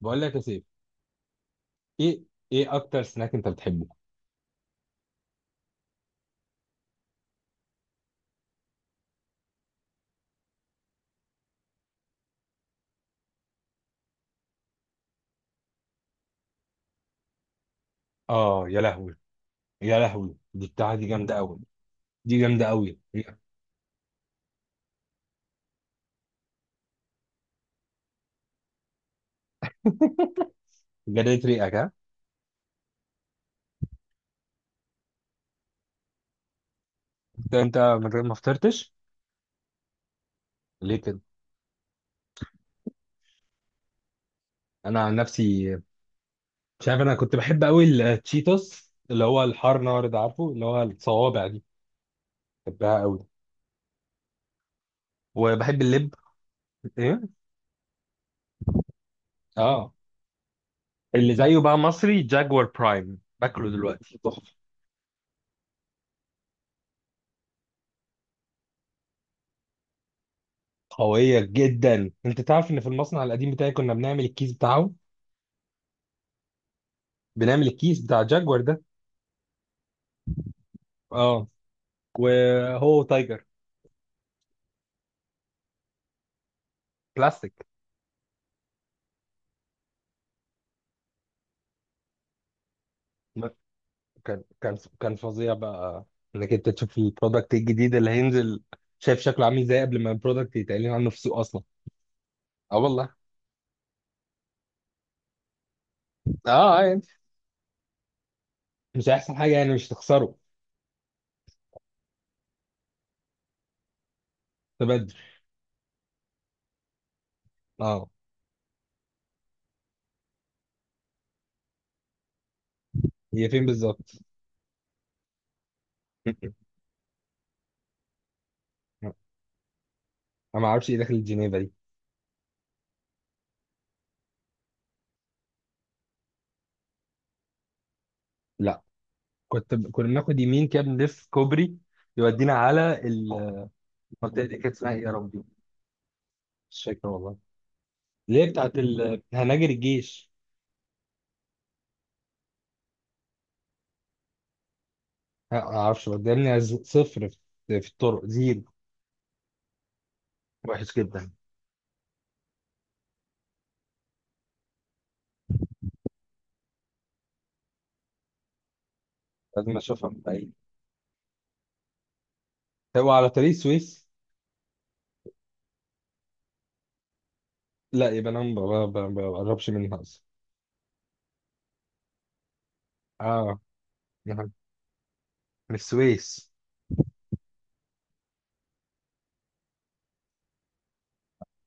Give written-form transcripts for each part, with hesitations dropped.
بقول لك يا سيف. ايه؟ ايه اكتر سناك انت بتحبه؟ اه، يا لهوي. يا لهوي، دي بتاعه دي جامده قوي. دي جامده قوي. جريت ريقك، ها؟ انت ما فطرتش؟ ليه كده؟ انا عن نفسي. مش عارف، انا كنت بحب قوي التشيتوس اللي هو الحار نار ده، عارفه اللي هو الصوابع دي؟ بحبها قوي. وبحب اللب. ايه؟ اه. اللي زيه بقى مصري جاكوار برايم باكله دلوقتي تحفه. قويه جدا، انت تعرف ان في المصنع القديم بتاعي كنا بنعمل الكيس بتاعه. بنعمل الكيس بتاع جاكوار ده. اه. وهو تايجر. بلاستيك. ما- كان فظيع بقى. انك انت تشوف البرودكت الجديد اللي هينزل. شايف شكله عامل ازاي قبل ما البرودكت يتقال عنه في السوق اصلا. اه، والله. اه، يعني. مش هيحصل حاجه، يعني مش تخسره. تبدل. اه. هي فين بالظبط؟ انا ما اعرفش ايه داخل جنيفا دي. لا، كنت كنا بناخد يمين كده، بنلف كوبري. يودينا على المنطقه. دي كانت اسمها ايه يا ربي؟ مش فاكر والله. اللي هي بتاعت هناجر الجيش. لا، ما اعرفش، بدلني صفر في الطرق زيرو. وحش جدا. لازم اشوفها من بعيد. هو على طريق السويس؟ لا، يبقى انا ما ب- ب- ما بقربش منها اصلا. اه. نعم. من السويس.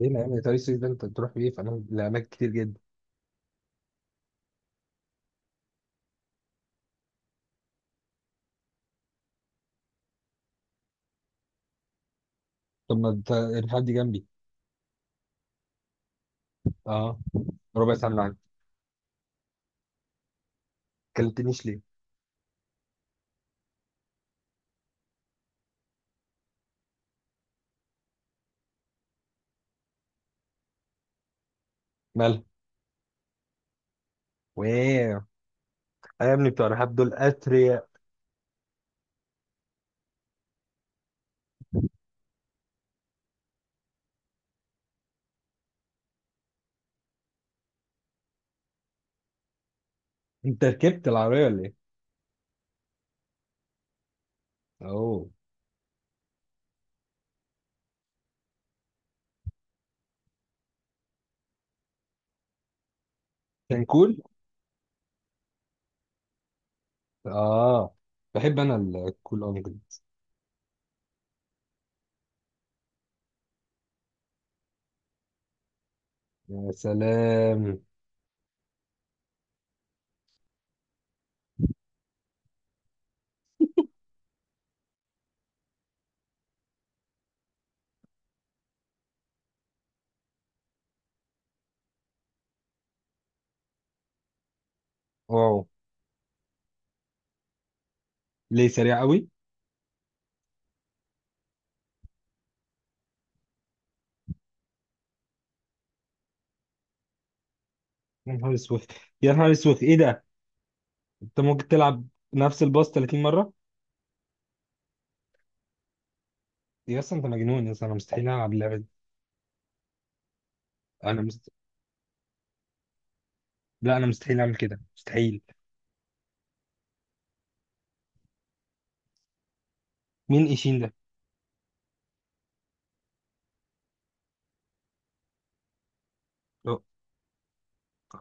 ايه يا عم، طريق السويس ده انت بتروح بيه فانا لاماكن كتير جدا. طب ما انت الحد جنبي. اه. ربع ساعه من عندي. ما كلمتنيش ليه؟ مالها؟ واو. يا ابني بتوع الرحاب دول اثرياء. انت ركبت العربيه ولا ايه؟ اوه. كان كول. اه. بحب انا. الكول انجلز. يا سلام. واو. ليه سريع قوي؟ يا نهار اسود. يا نهار اسود، ايه ده؟ انت ممكن تلعب نفس الباص 30 مره؟ يا اسطى، انت مجنون يا اسطى، انا مستحيل العب اللعبه دي. انا مست... لا، انا مستحيل اعمل كده، مستحيل. مين ايشين ده؟ هو.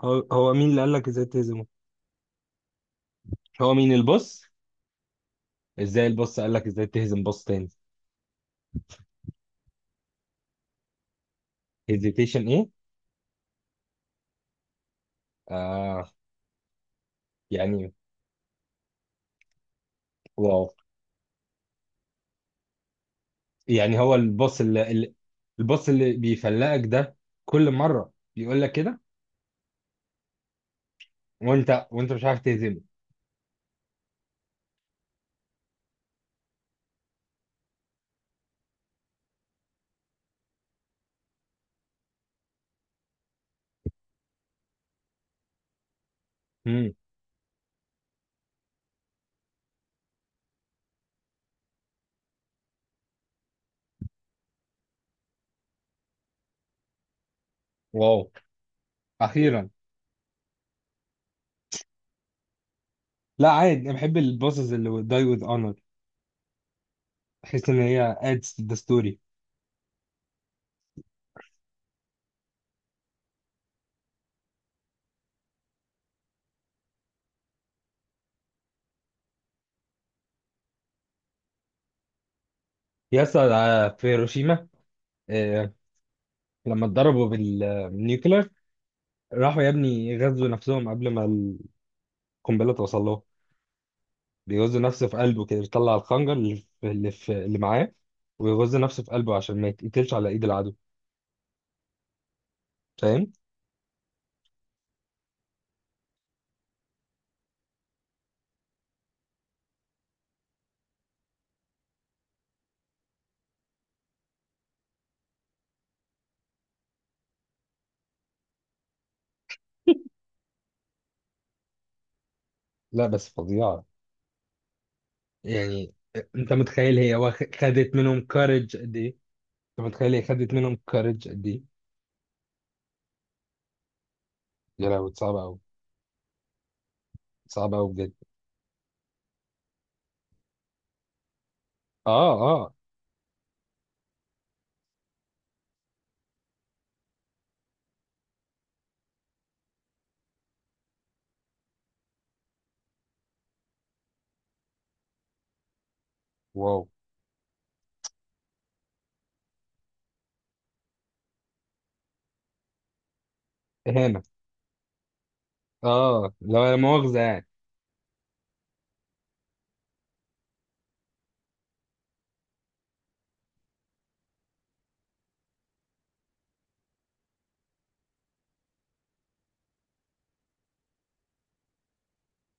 هو مين اللي قال لك ازاي تهزمه؟ هو مين الباص؟ ازاي الباص قال لك ازاي تهزم باص تاني؟ هيزيتيشن ايه؟ آه. يعني. واو. يعني هو الباص اللي الباص اللي بيفلقك ده، كل مره بيقول لك كده؟ وانت مش عارف تهزمه؟ امم. واو. اخيرا. لا، عادي، انا بحب البوسز اللي داي وذ اونر. بحس ان هي adds to the story. يس، في هيروشيما. آه، لما اتضربوا بالنيوكلير، راحوا يا ابني غزوا نفسهم قبل ما القنبله توصل له. بيغزوا نفسه في قلبه كده، بيطلع الخنجر اللي في اللي معاه. ويغز نفسه في قلبه عشان ما يتقتلش على ايد العدو. فاهم؟ لا، بس فظيعه. يعني، انت متخيل هي خدت منهم كارج قد ايه؟ انت متخيل هي خدت منهم كارج قد ايه؟ يا لهوي، صعبه قوي. صعبه قوي بجد. اه، آه. واو. اهانه. اه، لو لا مؤاخذه يعني.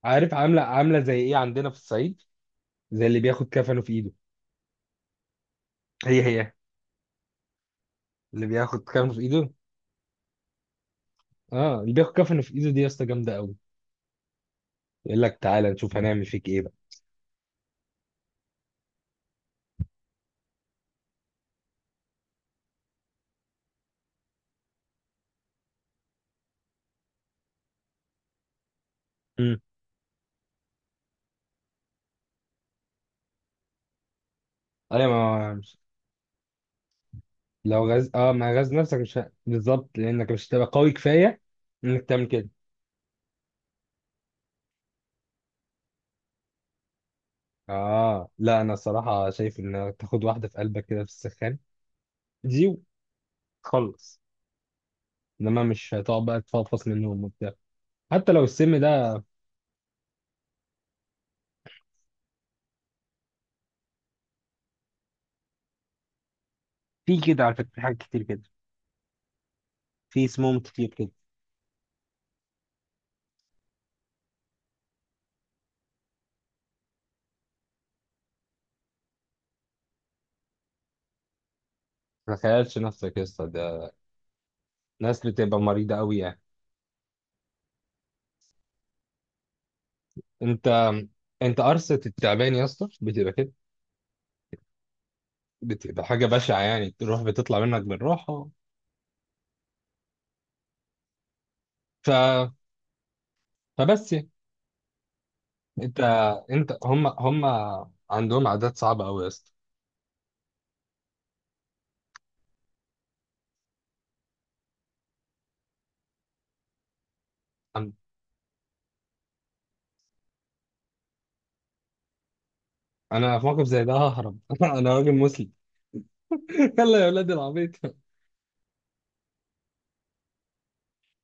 عارف عامله زي ايه عندنا في الصعيد؟ زي اللي بياخد كفنه في ايده. هي. اللي بياخد كفنه في ايده. اه، اللي بياخد كفنه في ايده دي يا اسطى جامده قوي. يقول لك تعالى نشوف هنعمل فيك ايه بقى. امم. ايوه، ما مش- لو غاز، ما غاز نفسك مش ه- بالظبط، لانك مش هتبقى قوي كفايه انك تعمل كده. اه، لا، انا الصراحه شايف ان تاخد واحده في قلبك كده في السخان دي وتخلص. انما مش هتقعد بقى تفضفض منهم وبتاع. حتى لو السم ده. في كده على فكرة، في حاجات كتير كده. في سموم كتير كده. ما تخيلش نفسك يا اسطى ده. ناس بتبقى مريضة قوي يعني. انت انت قرصة التعبان يا اسطى بتبقى كده. بتبقى حاجة بشعة، يعني تروح بتطلع منك بالراحة. ف... فبس يعني. انت انت هم عندهم عادات صعبة قوي يا اسطى. انا انا في موقف زي ده ههرب انا راجل مسلم. يلا يا ولاد العبيط.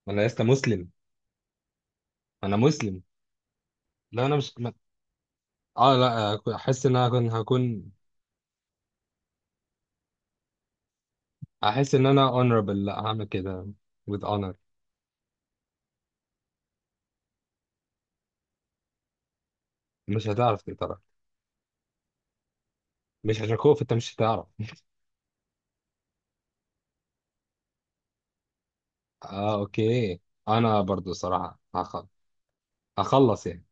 انا يا اسطى مسلم. انا مسلم. لا، انا مش اه، لا، احس ان انا هكون. احس ان انا honorable، لا هعمل كده with honor. مش هتعرف تقترح. مش عشان خوف، انت مش هتعرف. اه، اوكي. انا برضو صراحة هخلص يعني.